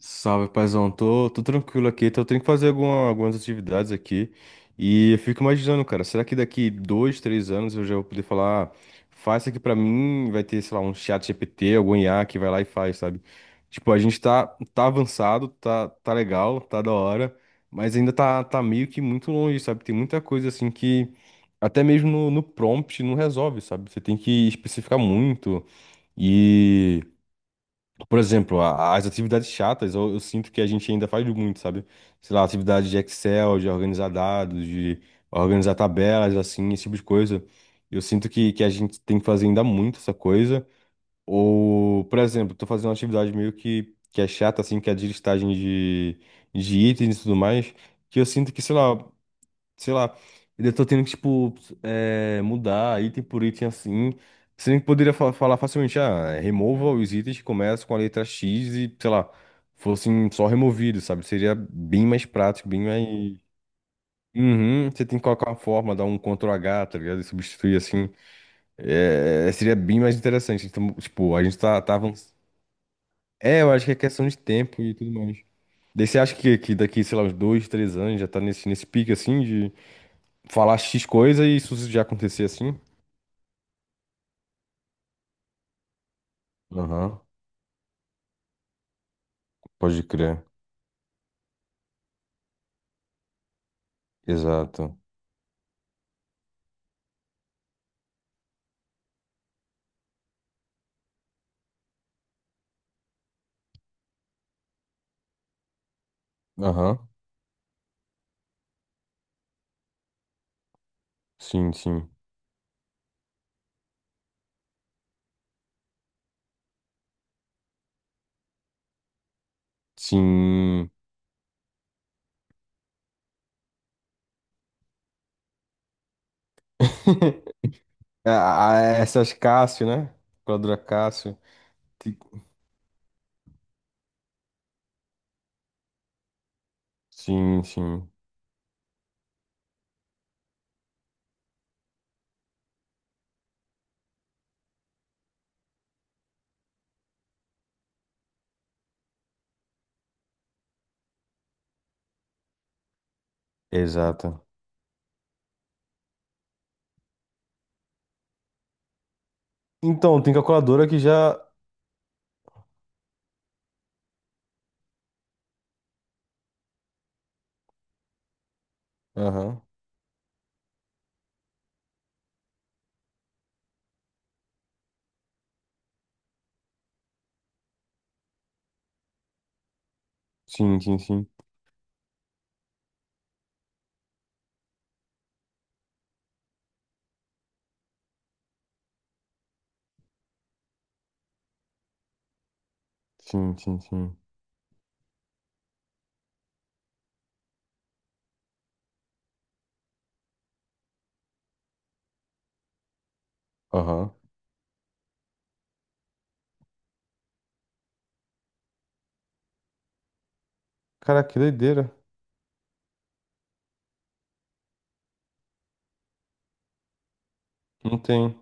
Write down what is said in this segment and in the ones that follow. Salve, paizão. Tô tranquilo aqui. Então, eu tenho que fazer algumas atividades aqui. E eu fico imaginando, cara, será que daqui dois, três anos eu já vou poder falar, "Ah, faz isso aqui pra mim?" Vai ter, sei lá, um chat GPT, algum IA que vai lá e faz, sabe? Tipo, a gente tá avançado, tá legal, tá da hora, mas ainda tá meio que muito longe, sabe? Tem muita coisa assim que até mesmo no prompt não resolve, sabe? Você tem que especificar muito. Por exemplo, as atividades chatas, eu sinto que a gente ainda faz muito, sabe? Sei lá, atividade de Excel, de organizar dados, de organizar tabelas, assim, esse tipo de coisa. Eu sinto que a gente tem que fazer ainda muito essa coisa. Ou, por exemplo, tô fazendo uma atividade meio que é chata, assim, que é de listagem de itens e tudo mais, que eu sinto que, sei lá, sei lá, eu tô tendo que, tipo, mudar item por item assim. Você nem poderia falar facilmente, ah, remova os itens que começam com a letra X e, sei lá, fossem só removidos, sabe? Seria bem mais prático, bem mais. Uhum, você tem que colocar uma forma, dar um Ctrl H, tá ligado? E substituir assim. É, seria bem mais interessante. Então, tipo, a gente tá avançando. É, eu acho que é questão de tempo e tudo mais. Daí você acha que daqui, sei lá, uns dois, três anos já tá nesse pique assim falar X coisa e isso já acontecer assim? Aham, pode crer. Exato. Aham, sim, sim. Sim. Ah, essas Cássio, né? Calculadora Cássio. Ti- Sim, sim. Exato. Então, tem calculadora que já. Aham, sim, sim, sim. Sim, sim, sim. Aham. Caraca, que doideira. Não tem.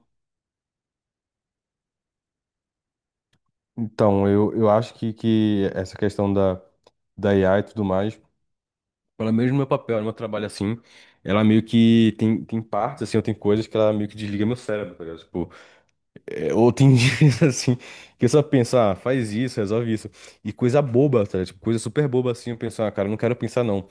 Então, eu acho que essa questão da, da IA e tudo mais. Pelo menos no meu papel, no meu trabalho assim, ela meio que tem, tem partes, assim, ou tem coisas que ela meio que desliga meu cérebro, tá ligado? Tipo, é, ou tem dias assim, que eu só penso, ah, faz isso, resolve isso. E coisa boba, tá ligado? Tipo, coisa super boba assim, eu penso, ah, cara, eu não quero pensar não.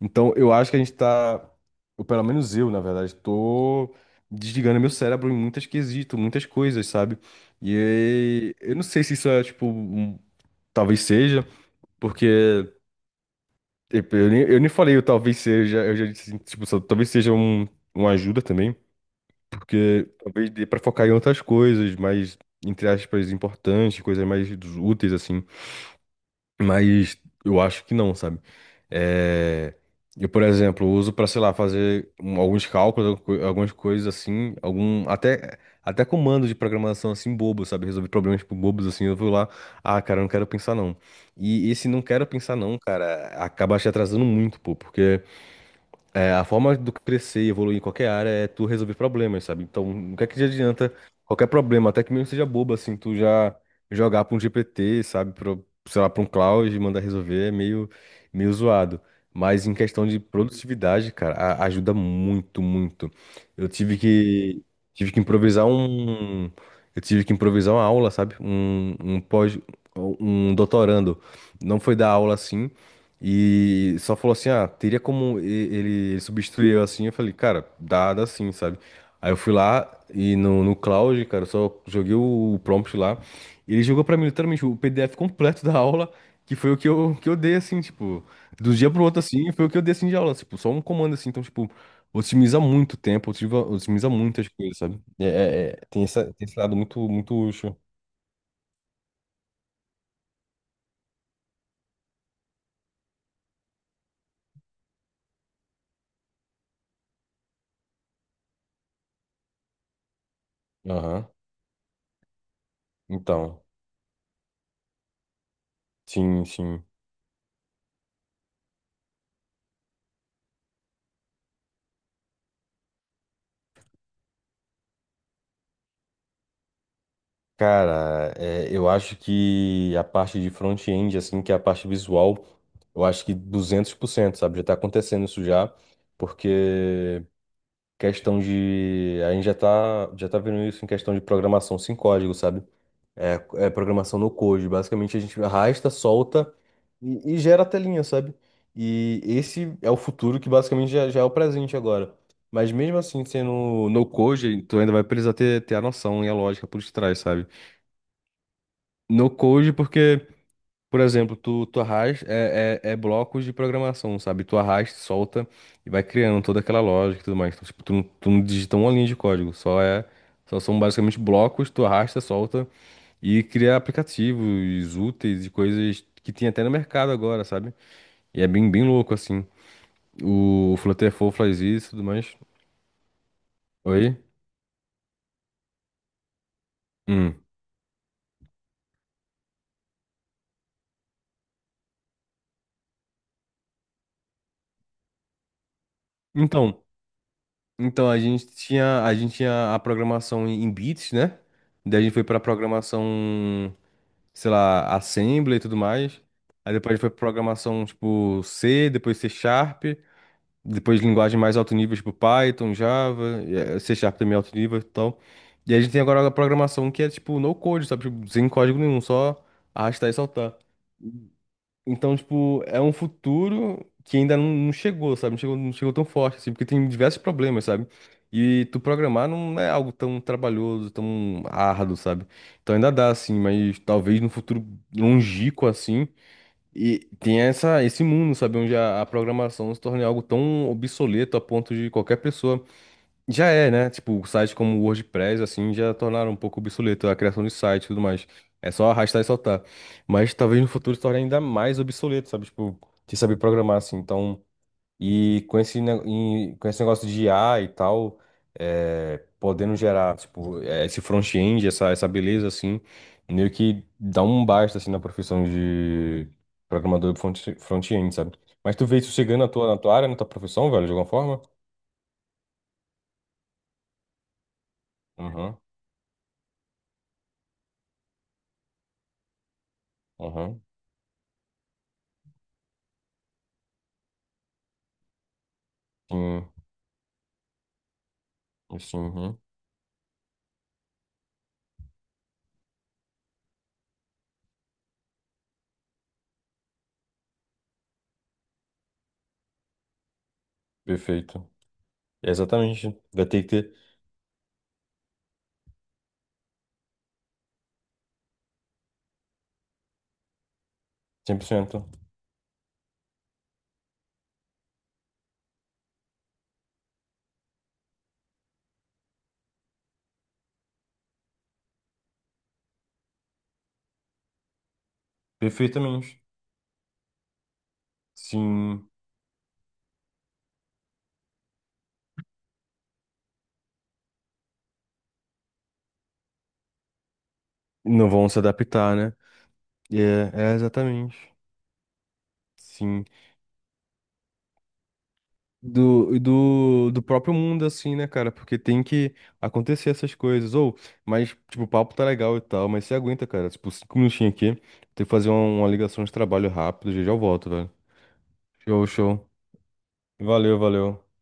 Então, eu acho que a gente tá, ou pelo menos eu, na verdade, tô desligando meu cérebro em muitas quesitos, muitas coisas, sabe? E aí, eu não sei se isso é, tipo, talvez seja, porque. Tipo, eu nem, eu nem falei, eu talvez seja, eu já disse, assim, tipo, talvez seja um, uma ajuda também, porque talvez dê pra focar em outras coisas mais, entre aspas, importantes, coisas mais úteis, assim, mas eu acho que não, sabe? É, eu, por exemplo, uso pra, sei lá, fazer alguns cálculos, algumas coisas assim, algum, até comando de programação, assim, bobo, sabe? Resolver problemas, tipo, bobos, assim, eu vou lá, ah, cara, eu não quero pensar, não. E esse não quero pensar não, cara, acaba te atrasando muito, pô, porque é, a forma do crescer e evoluir em qualquer área é tu resolver problemas, sabe? Então, o que é que já adianta qualquer problema, até que mesmo seja bobo, assim, tu já jogar pra um GPT, sabe? Pra, sei lá, pra um Claude e mandar resolver é meio, meio zoado. Mas em questão de produtividade, cara, ajuda muito, muito. Eu tive que, tive que improvisar um, eu tive que improvisar uma aula, sabe? Um pós, um doutorando. Não foi dar aula assim. E só falou assim, ah, teria como ele substituir eu assim? Eu falei, cara, dá sim, sabe? Aí eu fui lá e no Cloud, cara, eu só joguei o, prompt lá. E ele jogou pra mim literalmente o PDF completo da aula, que foi o que eu dei, assim, tipo, do dia pro outro, assim, foi o que eu dei, assim, de aula, tipo, só um comando, assim. Então, tipo, otimiza muito o tempo, otimiza, otimiza muitas coisas, sabe? É, é, tem essa, tem esse lado muito, muito útil. Aham. Então, sim, sim. Cara, é, eu acho que a parte de front-end, assim, que é a parte visual, eu acho que 200%, sabe? Já tá acontecendo isso já, porque questão de... A gente já tá vendo isso em questão de programação sem código, sabe? É, é programação no code. Basicamente, a gente arrasta, solta e gera a telinha, sabe? E esse é o futuro que basicamente já, já é o presente agora. Mas mesmo assim, sendo no code, tu ainda vai precisar ter, ter a noção e a lógica por trás, sabe? No code, porque, por exemplo, tu, tu arrasta, é blocos de programação, sabe? Tu arrasta, solta e vai criando toda aquela lógica e tudo mais. Então, tipo, tu, tu não digita uma linha de código, só é, só são basicamente blocos, tu arrasta, solta e cria aplicativos úteis e coisas que tem até no mercado agora, sabe? E é bem, bem louco, assim. O Flutterflow faz isso e tudo mais. Oi? Hum. Então, a gente tinha a programação em em bits, né? Daí a gente foi pra programação. Sei lá, Assembly e tudo mais. Aí depois foi programação tipo C, depois C Sharp, depois linguagem mais alto nível, tipo Python, Java, e, C Sharp também é alto nível e tal. E a gente tem agora a programação que é tipo no code, sabe? Tipo, sem código nenhum, só arrastar e soltar. Então, tipo, é um futuro que ainda não chegou, sabe? Não chegou, não chegou tão forte, assim, porque tem diversos problemas, sabe? E tu programar não é algo tão trabalhoso, tão árduo, sabe? Então ainda dá, assim, mas talvez no futuro longínquo, assim, e tenha essa, esse mundo, sabe? Onde a programação se torne algo tão obsoleto a ponto de qualquer pessoa já é, né? Tipo, sites como o WordPress, assim, já tornaram um pouco obsoleto a criação de site e tudo mais. É só arrastar e soltar. Mas talvez no futuro se torne ainda mais obsoleto, sabe? Tipo, de saber programar, assim. Então, e com e com esse negócio de IA e tal, é, podendo gerar, tipo, é, esse front-end, essa beleza, assim, meio que dá um basta, assim, na profissão de programador front-end, sabe? Mas tu vê isso chegando na tua área, na tua profissão, velho, de alguma forma? Aham, aham. Sim. Sim, uhum. Perfeito. É exatamente. Vai ter que ter 100%. Perfeitamente. Sim. Não vão se adaptar, né? É, é exatamente. Sim. Do, e do, do próprio mundo, assim, né, cara? Porque tem que acontecer essas coisas. Ou, mas, tipo, o papo tá legal e tal, mas você aguenta, cara. Tipo, 5 minutinhos aqui. Tem que fazer uma ligação de trabalho rápido, já já eu volto, velho. Show, show. Valeu, valeu.